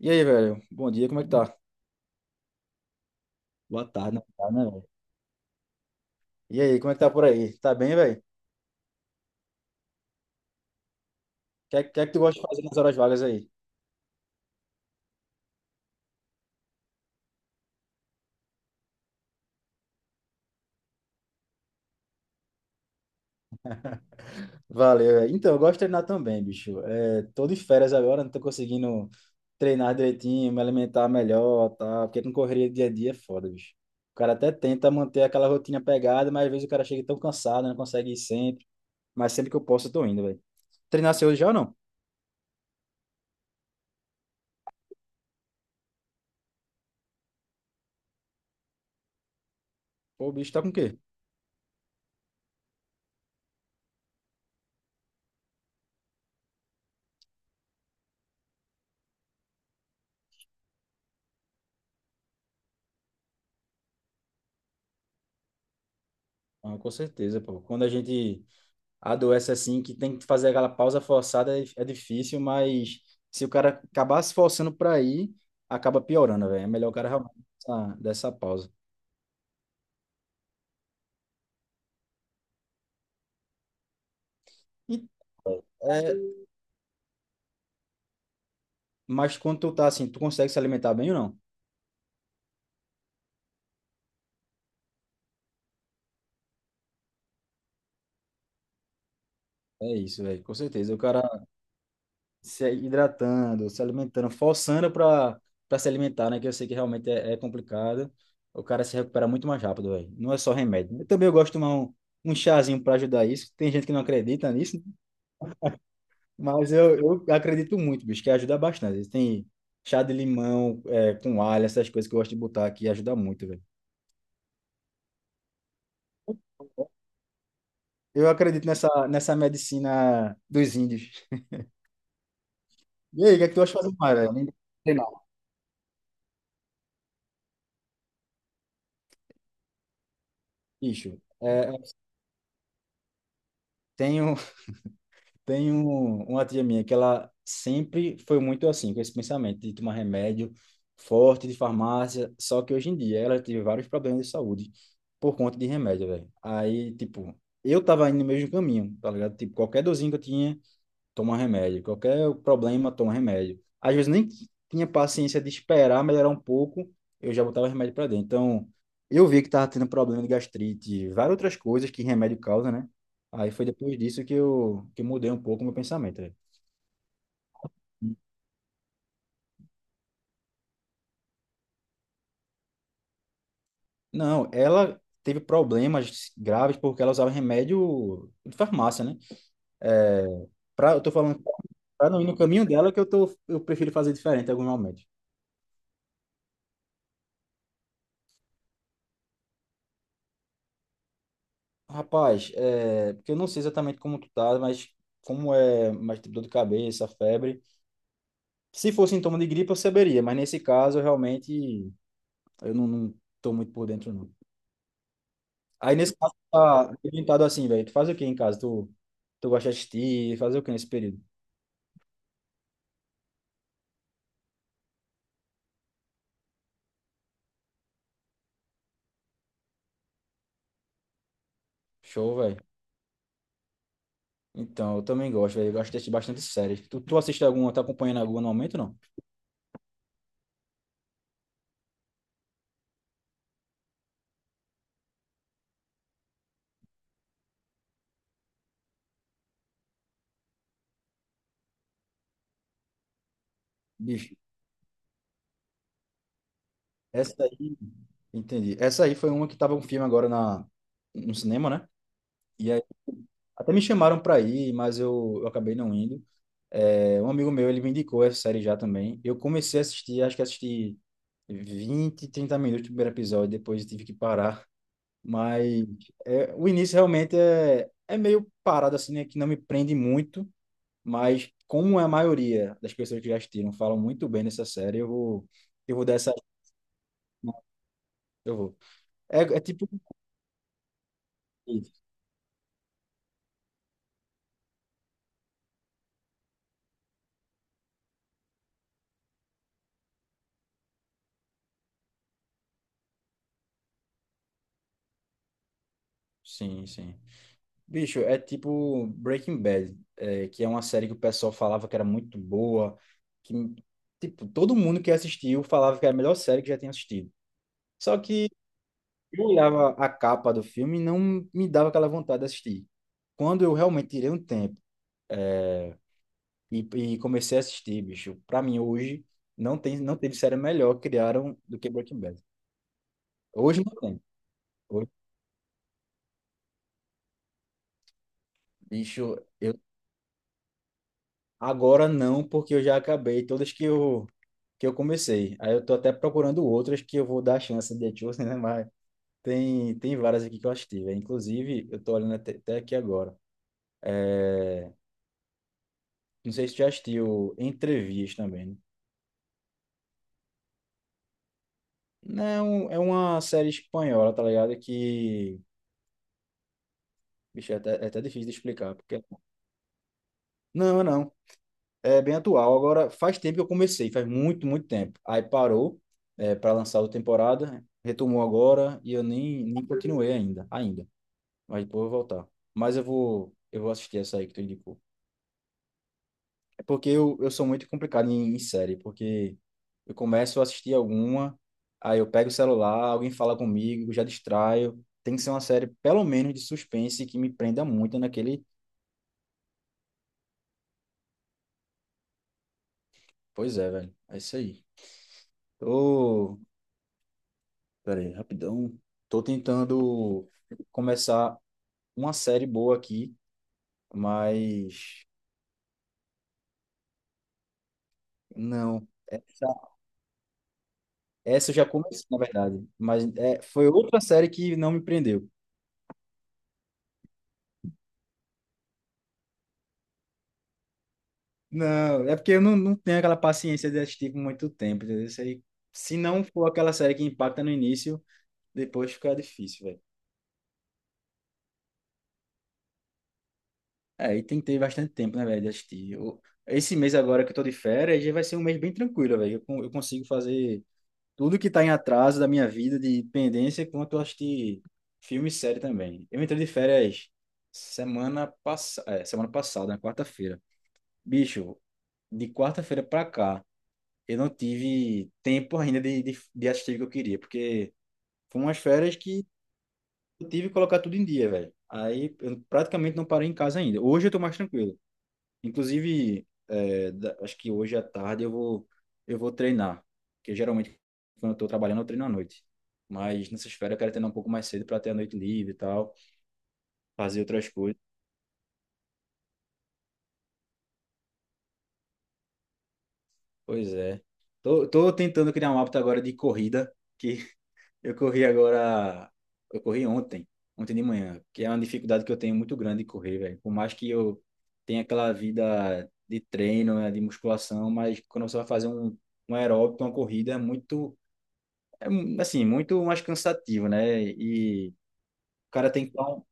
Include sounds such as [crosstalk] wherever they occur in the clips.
E aí, velho? Bom dia, como é que tá? Boa tarde, na verdade, né, velho? E aí, como é que tá por aí? Tá bem, velho? É que tu gosta de fazer nas horas vagas aí? Valeu, velho. Então, eu gosto de treinar também, bicho. Tô de férias agora, não tô conseguindo treinar direitinho, me alimentar melhor, tá? Porque com correria dia a dia é foda, bicho. O cara até tenta manter aquela rotina pegada, mas às vezes o cara chega tão cansado, não consegue ir sempre. Mas sempre que eu posso, eu tô indo, velho. Treinar seu hoje já ou não? Pô, o bicho tá com o quê? Ah, com certeza, pô. Quando a gente adoece assim, que tem que fazer aquela pausa forçada, é difícil, mas se o cara acabar se forçando para ir, acaba piorando, velho. É melhor o cara realmente dessa pausa. E, é, mas quando tu tá assim, tu consegue se alimentar bem ou não? É isso, velho, com certeza. O cara se hidratando, se alimentando, forçando para se alimentar, né? Que eu sei que realmente é complicado. O cara se recupera muito mais rápido, velho. Não é só remédio. Eu também gosto de tomar um chazinho para ajudar isso. Tem gente que não acredita nisso, mas eu acredito muito, bicho, que ajuda bastante. Tem chá de limão, com alho, essas coisas que eu gosto de botar aqui, ajuda muito, velho. Eu acredito nessa medicina dos índios. E aí, o que é que tu acha de fazer mais, velho? Sei lá. Bicho, tenho tem uma tia minha que ela sempre foi muito assim, com esse pensamento de tomar remédio forte de farmácia, só que hoje em dia ela teve vários problemas de saúde por conta de remédio, velho. Aí, tipo, eu tava indo no mesmo caminho, tá ligado? Tipo, qualquer dorzinho que eu tinha, toma remédio. Qualquer problema, toma remédio. Às vezes nem tinha paciência de esperar melhorar um pouco, eu já botava remédio para dentro. Então, eu vi que estava tendo problema de gastrite, várias outras coisas que remédio causa, né? Aí foi depois disso que eu mudei um pouco o meu pensamento, né? Não, ela teve problemas graves porque ela usava remédio de farmácia, né? É, eu tô falando para não ir no caminho dela que eu tô, eu prefiro fazer diferente em alguns momentos. Rapaz, é, porque eu não sei exatamente como tu tá, mas como é mais tipo dor de cabeça, febre. Se fosse sintoma de gripe, eu saberia, mas nesse caso, eu realmente, eu não tô muito por dentro, não. Aí, nesse caso, tu tá orientado assim, velho. Tu faz o que em casa? Tu gosta de assistir? Fazer o que nesse período? Show, velho. Então, eu também gosto, velho. Eu gosto de assistir bastante séries. Tu assiste alguma, tá acompanhando alguma no momento, não? Bicho, essa aí, entendi. Essa aí foi uma que tava um filme agora no cinema, né? E até me chamaram para ir, mas eu acabei não indo. É, um amigo meu, ele me indicou essa série já também. Eu comecei a assistir, acho que assisti 20, 30 minutos do primeiro episódio, depois eu tive que parar. Mas é, o início realmente é meio parado, assim, né? Que não me prende muito, mas como é a maioria das pessoas que já assistiram falam muito bem dessa série, eu vou dar essa... Eu vou. É tipo... Sim, sim. Bicho, é tipo Breaking Bad, é, que é uma série que o pessoal falava que era muito boa, que, tipo, todo mundo que assistiu falava que era a melhor série que já tinha assistido. Só que eu olhava a capa do filme e não me dava aquela vontade de assistir. Quando eu realmente tirei um tempo e comecei a assistir, bicho, pra mim hoje não tem, não teve série melhor que criaram do que Breaking Bad. Hoje não tem. Hoje, bicho, eu agora não, porque eu já acabei todas que eu comecei. Aí eu tô até procurando outras que eu vou dar a chance de [laughs] Etiosen, né? Mas tem, tem várias aqui que eu assisti, velho. Inclusive, eu tô olhando até aqui agora. É, não sei se tu já assistiu Entrevias também, né? Não, é um, é uma série espanhola, tá ligado? Que, bicho, é até difícil de explicar, porque... Não, não. É bem atual. Agora, faz tempo que eu comecei, faz muito tempo. Aí parou, é, para lançar outra temporada, retomou agora e eu nem continuei ainda, ainda. Mas depois eu vou voltar. Mas eu vou assistir essa aí que tu indicou. É porque eu sou muito complicado em série, porque eu começo a assistir alguma, aí eu pego o celular, alguém fala comigo, já distraio. Tem que ser uma série, pelo menos, de suspense que me prenda muito naquele. Pois é, velho. É isso aí. Tô. Pera aí, rapidão. Tô tentando começar uma série boa aqui, mas não. Essa eu já comecei, na verdade. Mas é, foi outra série que não me prendeu. Não, é porque eu não tenho aquela paciência de assistir por muito tempo, entendeu? Isso aí, se não for aquela série que impacta no início, depois fica difícil, velho. É, e tem que ter bastante tempo, né, velho, de assistir. Esse mês agora que eu tô de férias, já vai ser um mês bem tranquilo, velho. Eu, eu consigo fazer tudo que tá em atraso da minha vida, de pendência, quanto eu assistir filme e série também. Eu entrei de férias semana passada, na quarta-feira. Bicho, de quarta-feira para cá, eu não tive tempo ainda de assistir o que eu queria, porque foram umas férias que eu tive que colocar tudo em dia, velho. Aí eu praticamente não parei em casa ainda. Hoje eu tô mais tranquilo. Inclusive, é, acho que hoje à tarde eu vou treinar, porque geralmente quando eu tô trabalhando eu treino à noite. Mas nessas férias eu quero treinar um pouco mais cedo para ter a noite livre e tal, fazer outras coisas. Pois é. Tô tentando criar um hábito agora de corrida, que eu corri agora. Eu corri ontem, ontem de manhã, que é uma dificuldade que eu tenho muito grande de correr, velho. Por mais que eu tenha aquela vida de treino, né, de musculação, mas quando você vai fazer um aeróbico, uma corrida, é muito, muito mais cansativo, né? E o cara tem que ter um,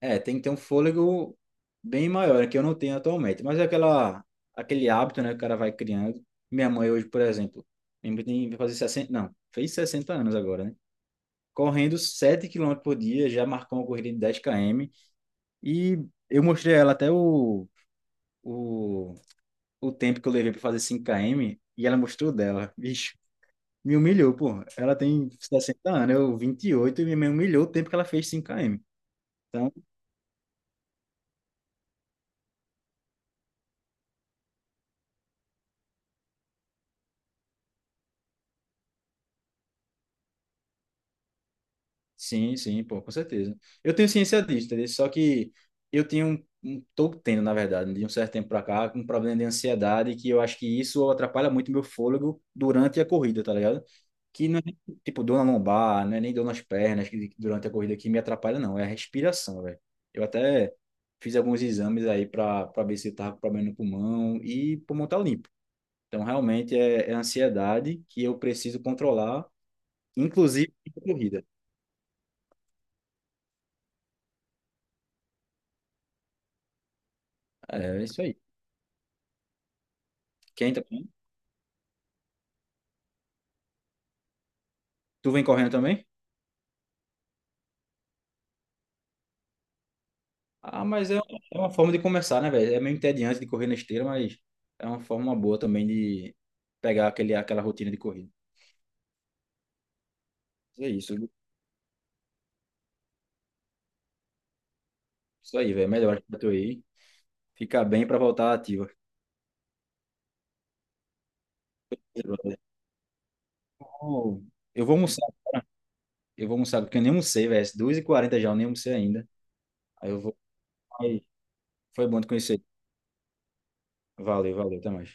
é, tem que ter um fôlego bem maior, né, que eu não tenho atualmente. Mas é aquela, aquele hábito, né, que o cara vai criando. Minha mãe hoje, por exemplo, vai fazer 60 não, fez 60 anos agora, né, correndo 7 quilômetros por dia, já marcou uma corrida de 10 km. E eu mostrei a ela até o, o tempo que eu levei para fazer 5 km, e ela mostrou o dela. Bicho, me humilhou, pô. Ela tem 60 anos, eu 28 e me humilhou o tempo que ela fez 5 km. Sim, sim, pô, com certeza. Eu tenho ciência disso, entendeu? Só que eu tenho tô tendo, na verdade, de um certo tempo pra cá, um problema de ansiedade que eu acho que isso atrapalha muito meu fôlego durante a corrida, tá ligado? Que não é, tipo, dor na lombar, não é nem dor nas pernas que durante a corrida que me atrapalha, não. É a respiração, velho. Eu até fiz alguns exames aí pra ver se eu tava com problema no pulmão e pulmão tá limpo. Então, realmente, é a ansiedade que eu preciso controlar, inclusive na corrida. É, é isso aí. Quem também? Tu vem correndo também? Ah, mas é uma forma de começar, né, velho? É meio entediante de correr na esteira, mas é uma forma boa também de pegar aquele, aquela rotina de corrida. É isso, isso aí, velho. Melhor pra tu aí. Fica bem pra voltar ativa. Então, eu vou almoçar, eu vou almoçar, porque eu nem almocei, velho. 2h40 já, eu nem almocei ainda. Aí eu vou. Aí, foi bom te conhecer. Valeu, valeu, até mais.